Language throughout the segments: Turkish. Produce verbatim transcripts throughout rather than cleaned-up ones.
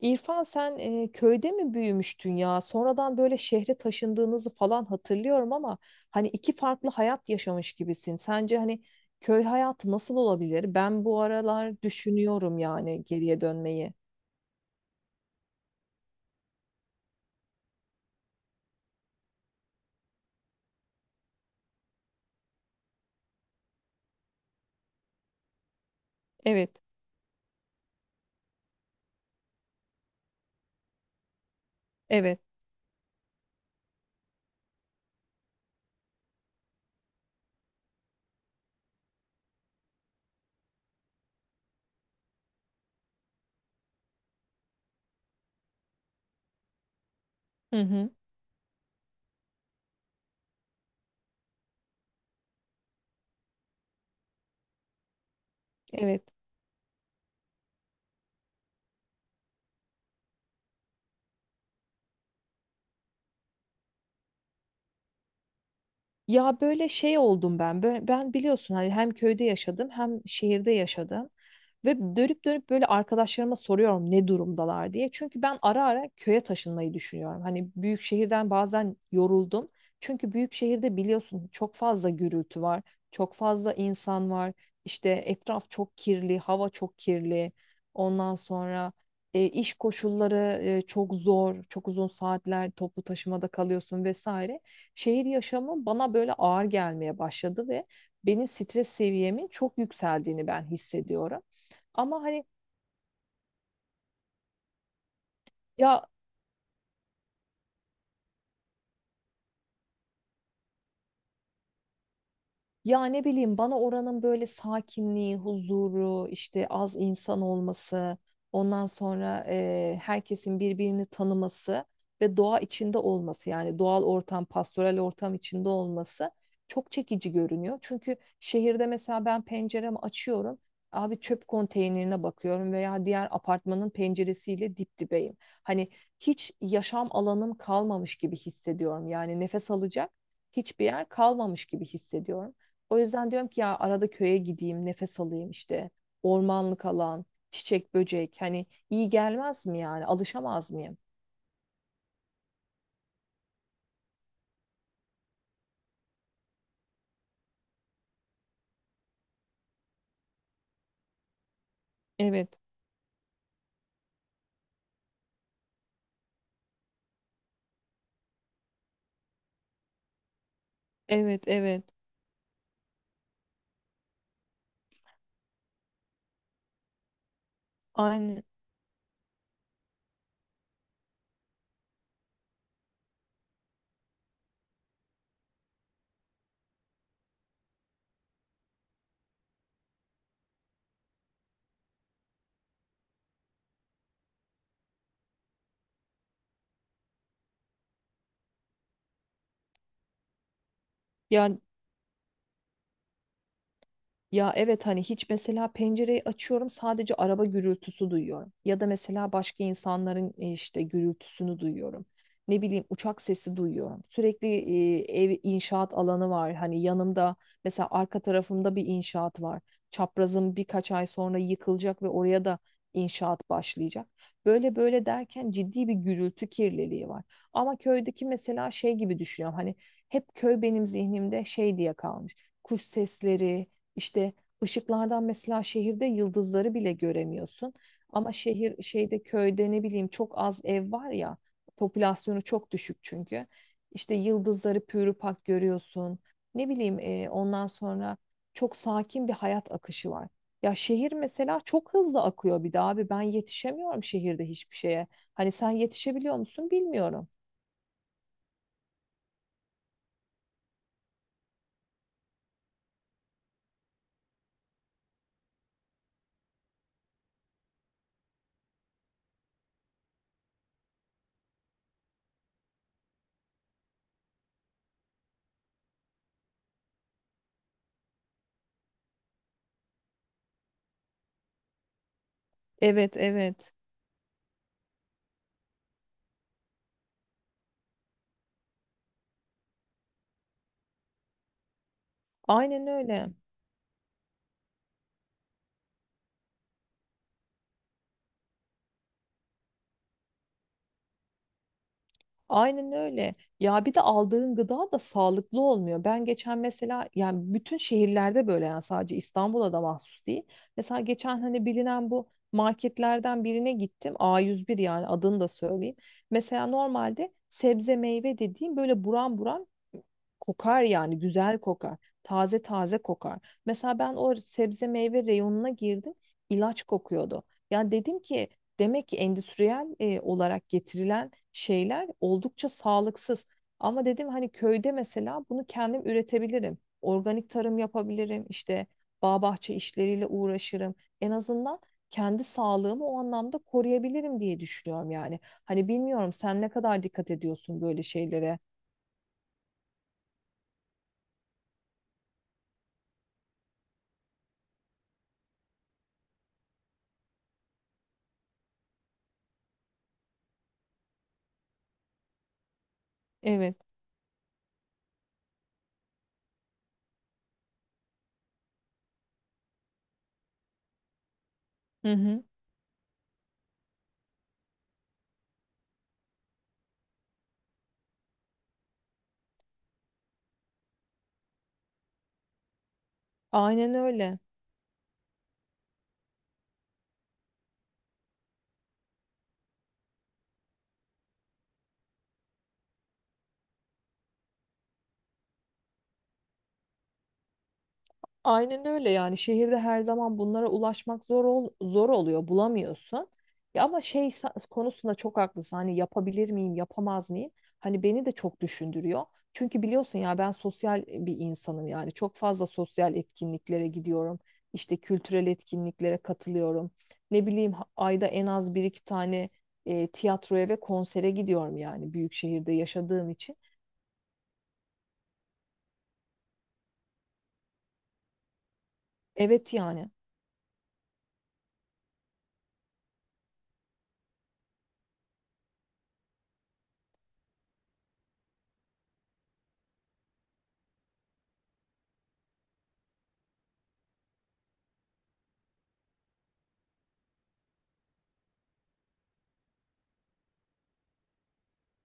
İrfan sen e, köyde mi büyümüştün ya? Sonradan böyle şehre taşındığınızı falan hatırlıyorum ama hani iki farklı hayat yaşamış gibisin. Sence hani köy hayatı nasıl olabilir? Ben bu aralar düşünüyorum yani geriye dönmeyi. Evet, evet. Hı hı, evet. Ya böyle şey oldum ben. Bö- Ben biliyorsun hani hem köyde yaşadım hem şehirde yaşadım. Ve dönüp dönüp böyle arkadaşlarıma soruyorum ne durumdalar diye. Çünkü ben ara ara köye taşınmayı düşünüyorum. Hani büyük şehirden bazen yoruldum. Çünkü büyük şehirde biliyorsun çok fazla gürültü var, çok fazla insan var. İşte etraf çok kirli, hava çok kirli. Ondan sonra e, iş koşulları e, çok zor, çok uzun saatler toplu taşımada kalıyorsun vesaire. Şehir yaşamı bana böyle ağır gelmeye başladı ve benim stres seviyemin çok yükseldiğini ben hissediyorum. Ama hani ya Ya ne bileyim bana oranın böyle sakinliği, huzuru, işte az insan olması, ondan sonra eee, herkesin birbirini tanıması ve doğa içinde olması yani doğal ortam, pastoral ortam içinde olması çok çekici görünüyor. Çünkü şehirde mesela ben penceremi açıyorum, abi çöp konteynerine bakıyorum veya diğer apartmanın penceresiyle dip dibeyim. Hani hiç yaşam alanım kalmamış gibi hissediyorum. Yani nefes alacak hiçbir yer kalmamış gibi hissediyorum. O yüzden diyorum ki ya arada köye gideyim, nefes alayım işte. Ormanlık alan, çiçek, böcek hani iyi gelmez mi yani? Alışamaz mıyım? Evet, evet, evet. Aynen. Ya Ya evet hani hiç mesela pencereyi açıyorum sadece araba gürültüsü duyuyorum. Ya da mesela başka insanların e, işte gürültüsünü duyuyorum. Ne bileyim uçak sesi duyuyorum. Sürekli e, ev inşaat alanı var. Hani yanımda mesela arka tarafımda bir inşaat var. Çaprazım birkaç ay sonra yıkılacak ve oraya da inşaat başlayacak. Böyle böyle derken ciddi bir gürültü kirliliği var. Ama köydeki mesela şey gibi düşünüyorum. Hani hep köy benim zihnimde şey diye kalmış. Kuş sesleri işte, ışıklardan mesela şehirde yıldızları bile göremiyorsun. Ama şehir şeyde köyde ne bileyim çok az ev var ya, popülasyonu çok düşük çünkü. İşte yıldızları pürüpak görüyorsun. Ne bileyim e, ondan sonra çok sakin bir hayat akışı var. Ya şehir mesela çok hızlı akıyor bir de abi ben yetişemiyorum şehirde hiçbir şeye. Hani sen yetişebiliyor musun bilmiyorum. Evet, evet, aynen öyle. Aynen öyle. Ya bir de aldığın gıda da sağlıklı olmuyor. Ben geçen mesela yani bütün şehirlerde böyle yani sadece İstanbul'a da mahsus değil. Mesela geçen hani bilinen bu marketlerden birine gittim. a yüz bir yani adını da söyleyeyim. Mesela normalde sebze meyve dediğim böyle buram buram kokar yani güzel kokar. Taze taze kokar. Mesela ben o sebze meyve reyonuna girdim. İlaç kokuyordu. Yani dedim ki, demek ki endüstriyel e, olarak getirilen şeyler oldukça sağlıksız. Ama dedim hani köyde mesela bunu kendim üretebilirim. Organik tarım yapabilirim. İşte bağ bahçe işleriyle uğraşırım. En azından kendi sağlığımı o anlamda koruyabilirim diye düşünüyorum yani. Hani bilmiyorum sen ne kadar dikkat ediyorsun böyle şeylere. Evet. Hı hı. Aynen öyle. Aynen öyle yani şehirde her zaman bunlara ulaşmak zor ol- zor oluyor, bulamıyorsun. Ya ama şey sa- konusunda çok haklısın hani yapabilir miyim yapamaz mıyım? Hani beni de çok düşündürüyor. Çünkü biliyorsun ya ben sosyal e, bir insanım yani çok fazla sosyal etkinliklere gidiyorum. İşte kültürel etkinliklere katılıyorum. Ne bileyim ha- ayda en az bir iki tane e, tiyatroya ve konsere gidiyorum yani büyük şehirde yaşadığım için. Evet yani.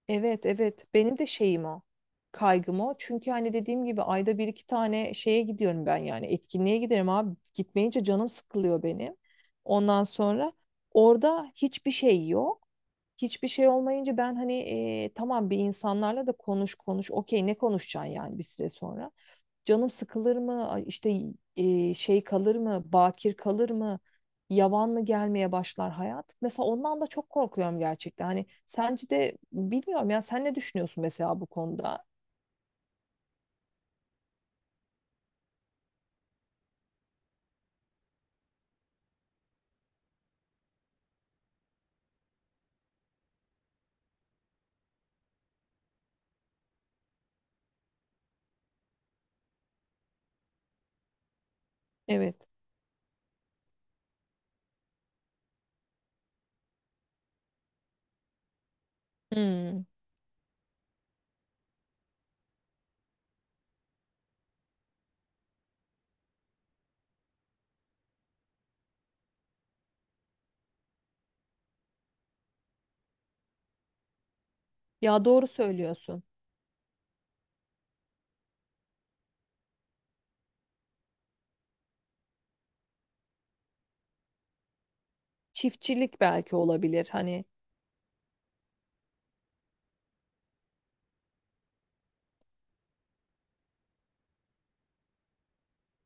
Evet, evet, benim de şeyim o, kaygım o çünkü hani dediğim gibi ayda bir iki tane şeye gidiyorum ben, yani etkinliğe giderim abi, gitmeyince canım sıkılıyor benim. Ondan sonra orada hiçbir şey yok, hiçbir şey olmayınca ben hani e, tamam, bir insanlarla da konuş konuş, okey ne konuşacaksın yani bir süre sonra canım sıkılır mı? Ay İşte e, şey kalır mı? Bakir kalır mı? Yavan mı gelmeye başlar hayat? Mesela ondan da çok korkuyorum gerçekten. Hani sence de bilmiyorum ya sen ne düşünüyorsun mesela bu konuda? Evet. Hmm. Ya doğru söylüyorsun. Çiftçilik belki olabilir. Hani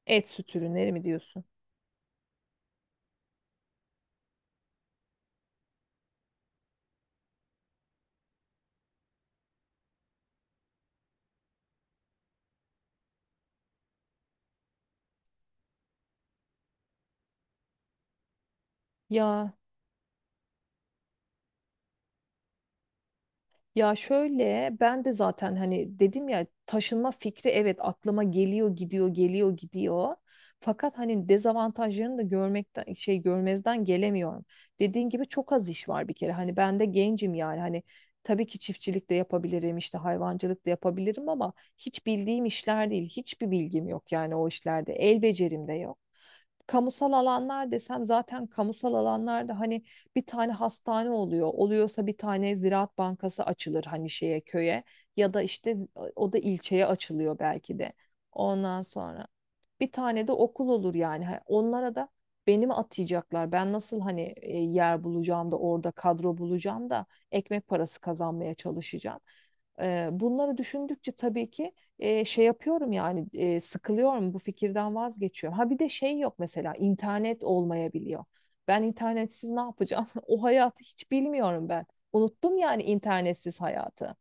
et süt ürünleri mi diyorsun? Ya Ya şöyle ben de zaten hani dedim ya, taşınma fikri evet aklıma geliyor gidiyor, geliyor gidiyor. Fakat hani dezavantajlarını da görmekten, şey, görmezden gelemiyorum. Dediğin gibi çok az iş var bir kere. Hani ben de gencim yani, hani tabii ki çiftçilik de yapabilirim işte, hayvancılık da yapabilirim ama hiç bildiğim işler değil. Hiçbir bilgim yok yani o işlerde. El becerim de yok. Kamusal alanlar desem, zaten kamusal alanlarda hani bir tane hastane oluyor. Oluyorsa bir tane Ziraat Bankası açılır hani şeye, köye, ya da işte o da ilçeye açılıyor belki de. Ondan sonra bir tane de okul olur yani. Ha, onlara da beni mi atayacaklar? Ben nasıl hani e, yer bulacağım da orada, kadro bulacağım da ekmek parası kazanmaya çalışacağım. Ee, bunları düşündükçe tabii ki e, şey yapıyorum yani, e, sıkılıyorum, bu fikirden vazgeçiyorum. Ha bir de şey yok, mesela internet olmayabiliyor. Ben internetsiz ne yapacağım? O hayatı hiç bilmiyorum ben. Unuttum yani internetsiz hayatı.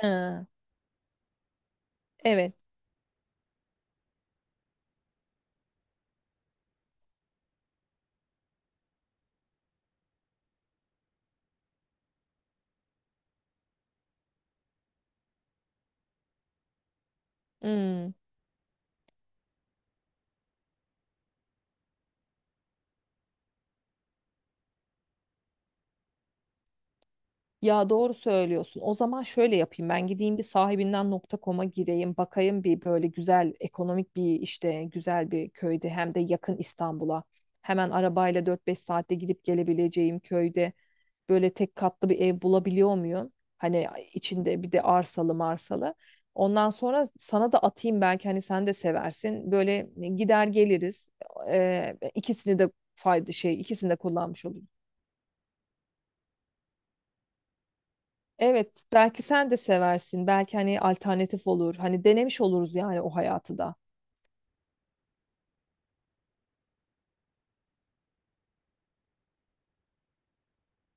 Ha, evet. Hmm. Ya doğru söylüyorsun. O zaman şöyle yapayım. Ben gideyim bir sahibinden nokta nokta nokta com'a gireyim. Bakayım bir böyle güzel ekonomik bir, işte, güzel bir köyde hem de yakın İstanbul'a. Hemen arabayla dört beş saatte gidip gelebileceğim köyde böyle tek katlı bir ev bulabiliyor muyum? Hani içinde bir de arsalı marsalı. Ondan sonra sana da atayım belki, hani sen de seversin. Böyle e, gider geliriz. Ee, ikisini de fayda, şey, ikisini de kullanmış olur. Evet, belki sen de seversin. Belki hani alternatif olur. Hani denemiş oluruz yani o hayatı da.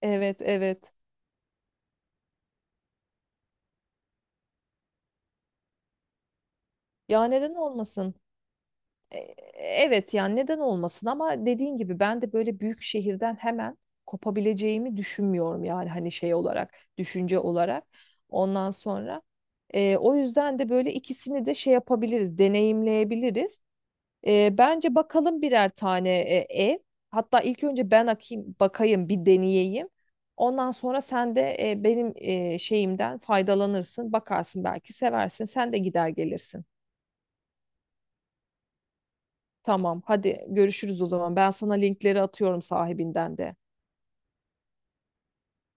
Evet, evet. Ya neden olmasın? E- Evet yani neden olmasın, ama dediğin gibi ben de böyle büyük şehirden hemen kopabileceğimi düşünmüyorum yani, hani şey olarak, düşünce olarak. Ondan sonra e, o yüzden de böyle ikisini de şey yapabiliriz, deneyimleyebiliriz. E, bence bakalım birer tane e, ev. Hatta ilk önce ben akayım, bakayım, bir deneyeyim. Ondan sonra sen de e, benim e, şeyimden faydalanırsın. Bakarsın belki seversin. Sen de gider gelirsin. Tamam, hadi görüşürüz o zaman. Ben sana linkleri atıyorum sahibinden de.